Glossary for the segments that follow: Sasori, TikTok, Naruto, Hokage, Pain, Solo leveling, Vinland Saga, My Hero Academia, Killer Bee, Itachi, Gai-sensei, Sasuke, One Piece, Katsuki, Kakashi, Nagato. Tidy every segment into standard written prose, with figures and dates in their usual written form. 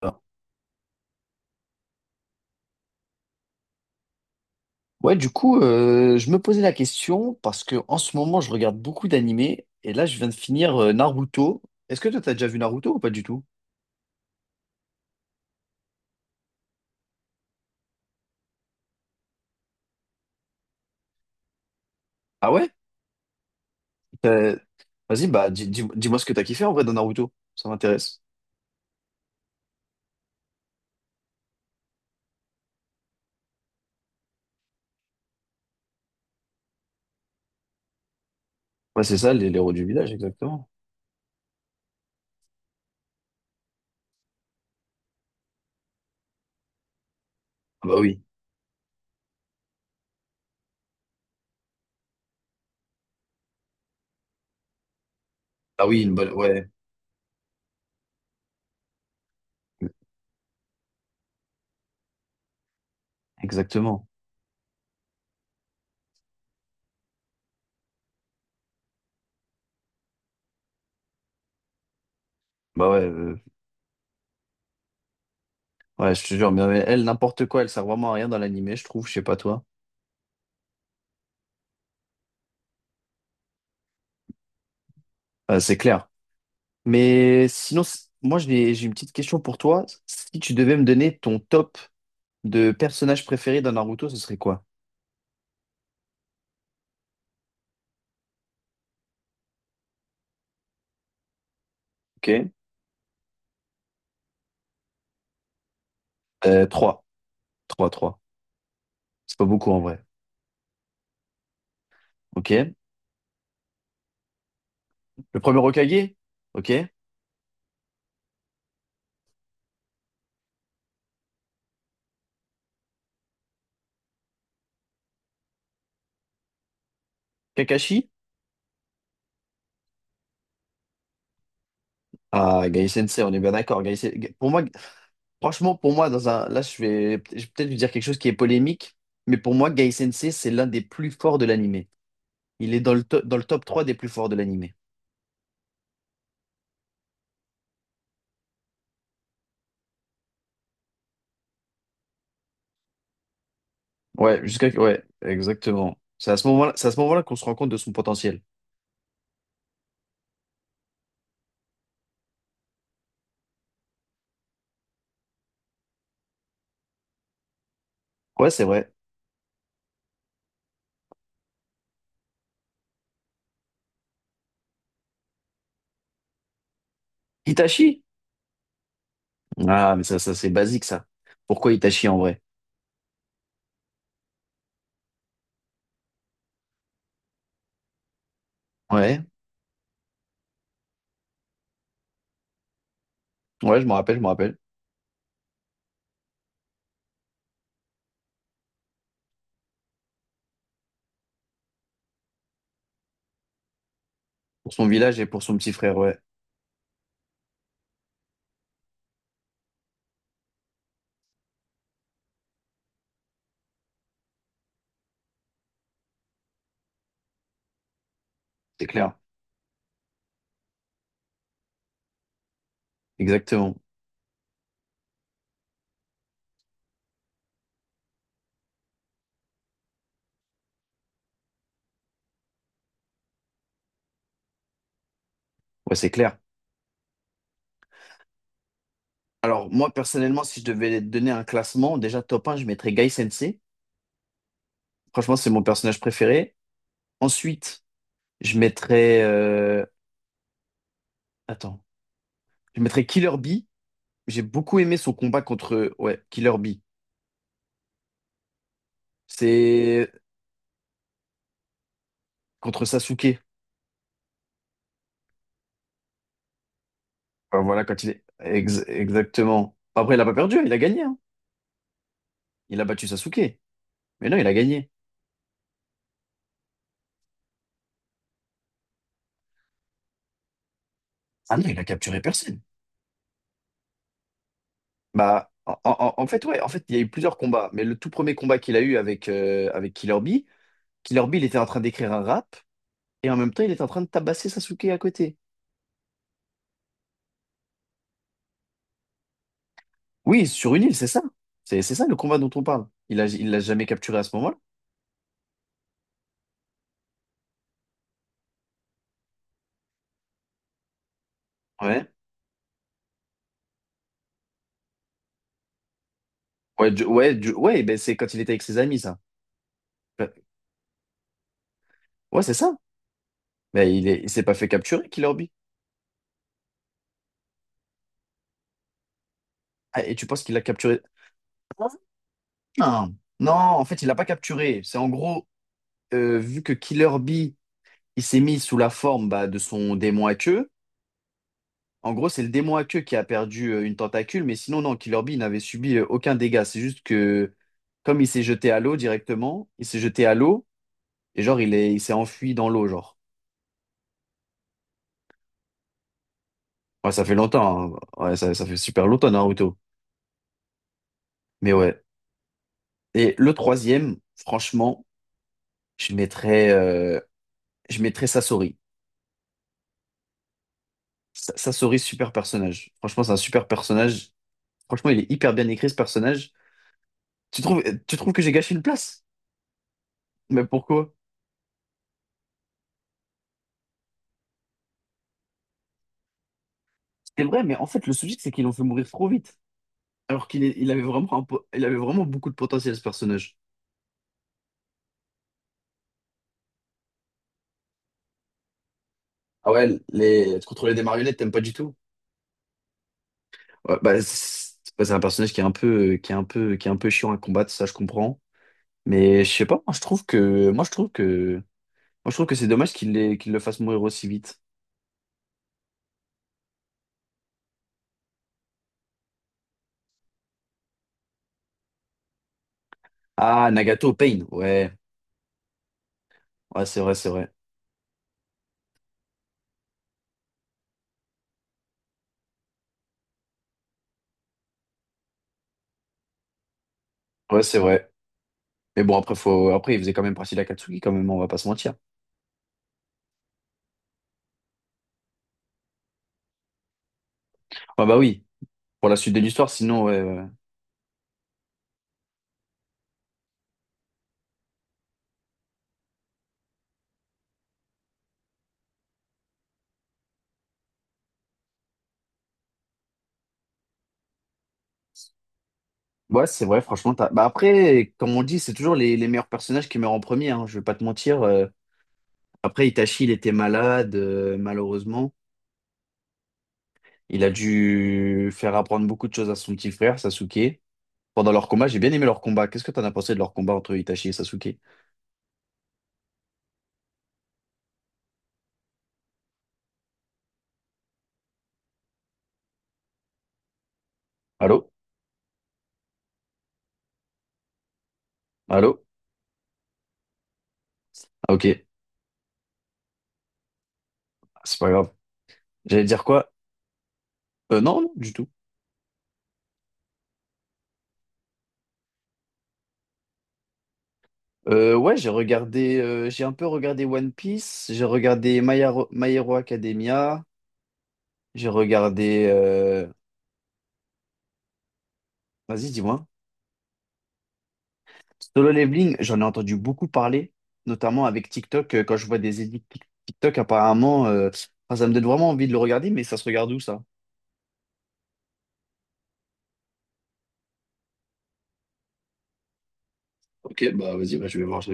Alors, je me posais la question parce que en ce moment, je regarde beaucoup d'animés et là, je viens de finir Naruto. Est-ce que toi, t'as déjà vu Naruto ou pas du tout? Ah ouais? T'as- Vas-y, bah, dis-moi ce que t'as kiffé en vrai dans Naruto. Ça m'intéresse. Ouais, c'est ça, l'héros du village, exactement. Ah bah oui. Ah oui, une bonne... ouais, exactement. Bah ouais, je te jure, mais elle, n'importe quoi, elle sert vraiment à rien dans l'animé, je trouve, je sais pas toi. C'est clair. Mais sinon, moi, j'ai une petite question pour toi. Si tu devais me donner ton top de personnage préféré dans Naruto, ce serait quoi? Ok. Euh, trois trois 3. C'est pas beaucoup en vrai. Ok. Le premier Hokage? Ok. Kakashi? Ah, Gai-sensei, on est bien d'accord. Pour moi, franchement, pour moi, dans un... là, je vais peut-être lui dire quelque chose qui est polémique, mais pour moi, Gai-sensei, c'est l'un des plus forts de l'anime. Il est dans dans le top 3 des plus forts de l'anime. Ouais, exactement. C'est à ce moment-là qu'on se rend compte de son potentiel. Ouais, c'est vrai. Itachi? Ah, c'est basique, ça. Pourquoi Itachi en vrai? Ouais, ouais, je me rappelle. Pour son village et pour son petit frère, ouais, c'est clair. Exactement. Ouais, c'est clair. Alors, moi, personnellement, si je devais donner un classement, déjà top un, je mettrais Guy Sensei. Franchement, c'est mon personnage préféré. Ensuite, je mettrais. Attends. Je mettrais Killer Bee. J'ai beaucoup aimé son combat contre. Ouais, Killer Bee. C'est contre Sasuke. Voilà, quand il est. Ex- exactement. Après, il a pas perdu, hein, il a gagné, hein. Il a battu Sasuke. Mais non, il a gagné. Ah non, il a capturé personne. Bah, en fait, ouais, en fait, il y a eu plusieurs combats, mais le tout premier combat qu'il a eu avec, avec Killer Bee, il était en train d'écrire un rap, et en même temps, il était en train de tabasser Sasuke à côté. Oui, sur une île, c'est ça. C'est ça le combat dont on parle. Il l'a jamais capturé à ce moment-là. Ouais. Ouais, ben c'est quand il était avec ses amis, ça. Ben, ouais, c'est ça. Mais il s'est pas fait capturer, Killer Bee. Ah, et tu penses qu'il l'a capturé? Non. Non, en fait, il l'a pas capturé. C'est en gros, vu que Killer Bee, il s'est mis sous la forme bah, de son démon à queue. En gros, c'est le démon à queue qui a perdu une tentacule, mais sinon, non, Killer Bee il n'avait subi aucun dégât. C'est juste que, comme il s'est jeté à l'eau directement, il s'est jeté à l'eau, et genre, il s'est enfui dans l'eau, genre. Ouais, ça fait longtemps, hein. Ça fait super longtemps, Naruto. Mais ouais. Et le troisième, franchement, je mettrais, euh, je mettrais Sasori. Sasori, super personnage. Franchement, c'est un super personnage. Franchement, il est hyper bien écrit, ce personnage. Tu trouves, tu trouves que j'ai gâché une place? Mais pourquoi? C'est vrai, mais en fait, le souci, c'est qu'ils l'ont fait mourir trop vite. Il avait vraiment, il avait vraiment beaucoup de potentiel, ce personnage. Ah ouais, les... contrôler des marionnettes, t'aimes pas du tout? Ouais, bah, c'est un personnage qui est un peu, qui est un peu, qui est un peu chiant à combattre, ça je comprends. Mais je sais pas, moi je trouve que c'est dommage qu'il le fasse mourir aussi vite. Ah, Nagato, Pain, ouais, ouais, ouais, c'est vrai. Mais bon, après, il faisait quand même partie de Katsuki quand même, on va pas se mentir. Ah bah oui, pour la suite de l'histoire, sinon, ouais, ouais. Ouais, c'est vrai, franchement. Bah après, comme on dit, c'est toujours les meilleurs personnages qui meurent en premier, hein, je vais pas te mentir, euh. Après, Itachi, il était malade, malheureusement. Il a dû faire apprendre beaucoup de choses à son petit frère, Sasuke. Pendant leur combat, j'ai bien aimé leur combat. Qu'est-ce que t'en as pensé de leur combat entre Itachi et Sasuke? Allô? Allô? Ah, ok, c'est pas grave. J'allais dire quoi? Non, non, du tout. Ouais, j'ai regardé, j'ai un peu regardé One Piece, j'ai regardé My Hero Academia, j'ai regardé... euh, vas-y, dis-moi. Solo Leveling, j'en ai entendu beaucoup parler, notamment avec TikTok. Quand je vois des édits TikTok, apparemment, enfin, ça me donne vraiment envie de le regarder, mais ça se regarde où ça? Ok, bah vas-y, bah, je vais voir. je-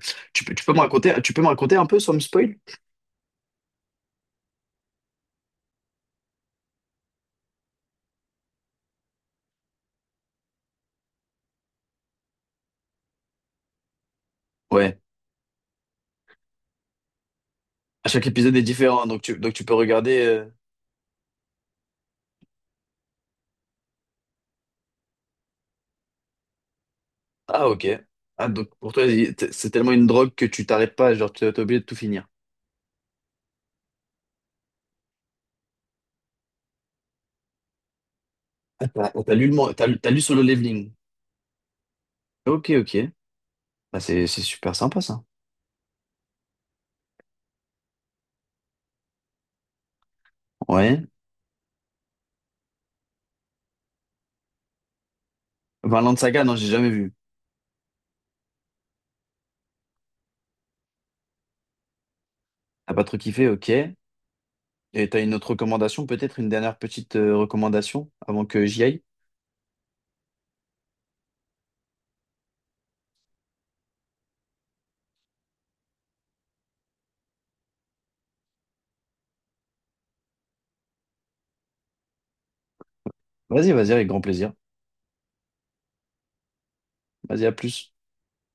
je- Tu peux, tu peux me raconter un peu sans me spoil? Ouais. À chaque épisode est différent, donc tu peux regarder. Ah ok. Ah, donc pour toi, c'est tellement une drogue que tu t'arrêtes pas, genre t'es obligé de tout finir. Ah, t'as lu t'as lu Solo Leveling. Ok, ok. Bah, c'est super sympa ça. Ouais. Vinland Saga, non, j'ai jamais vu. T'as pas trop kiffé, ok. Et t'as une autre recommandation, peut-être une dernière petite recommandation avant que j'y aille? Vas-y, vas-y, avec grand plaisir. Vas-y, à plus.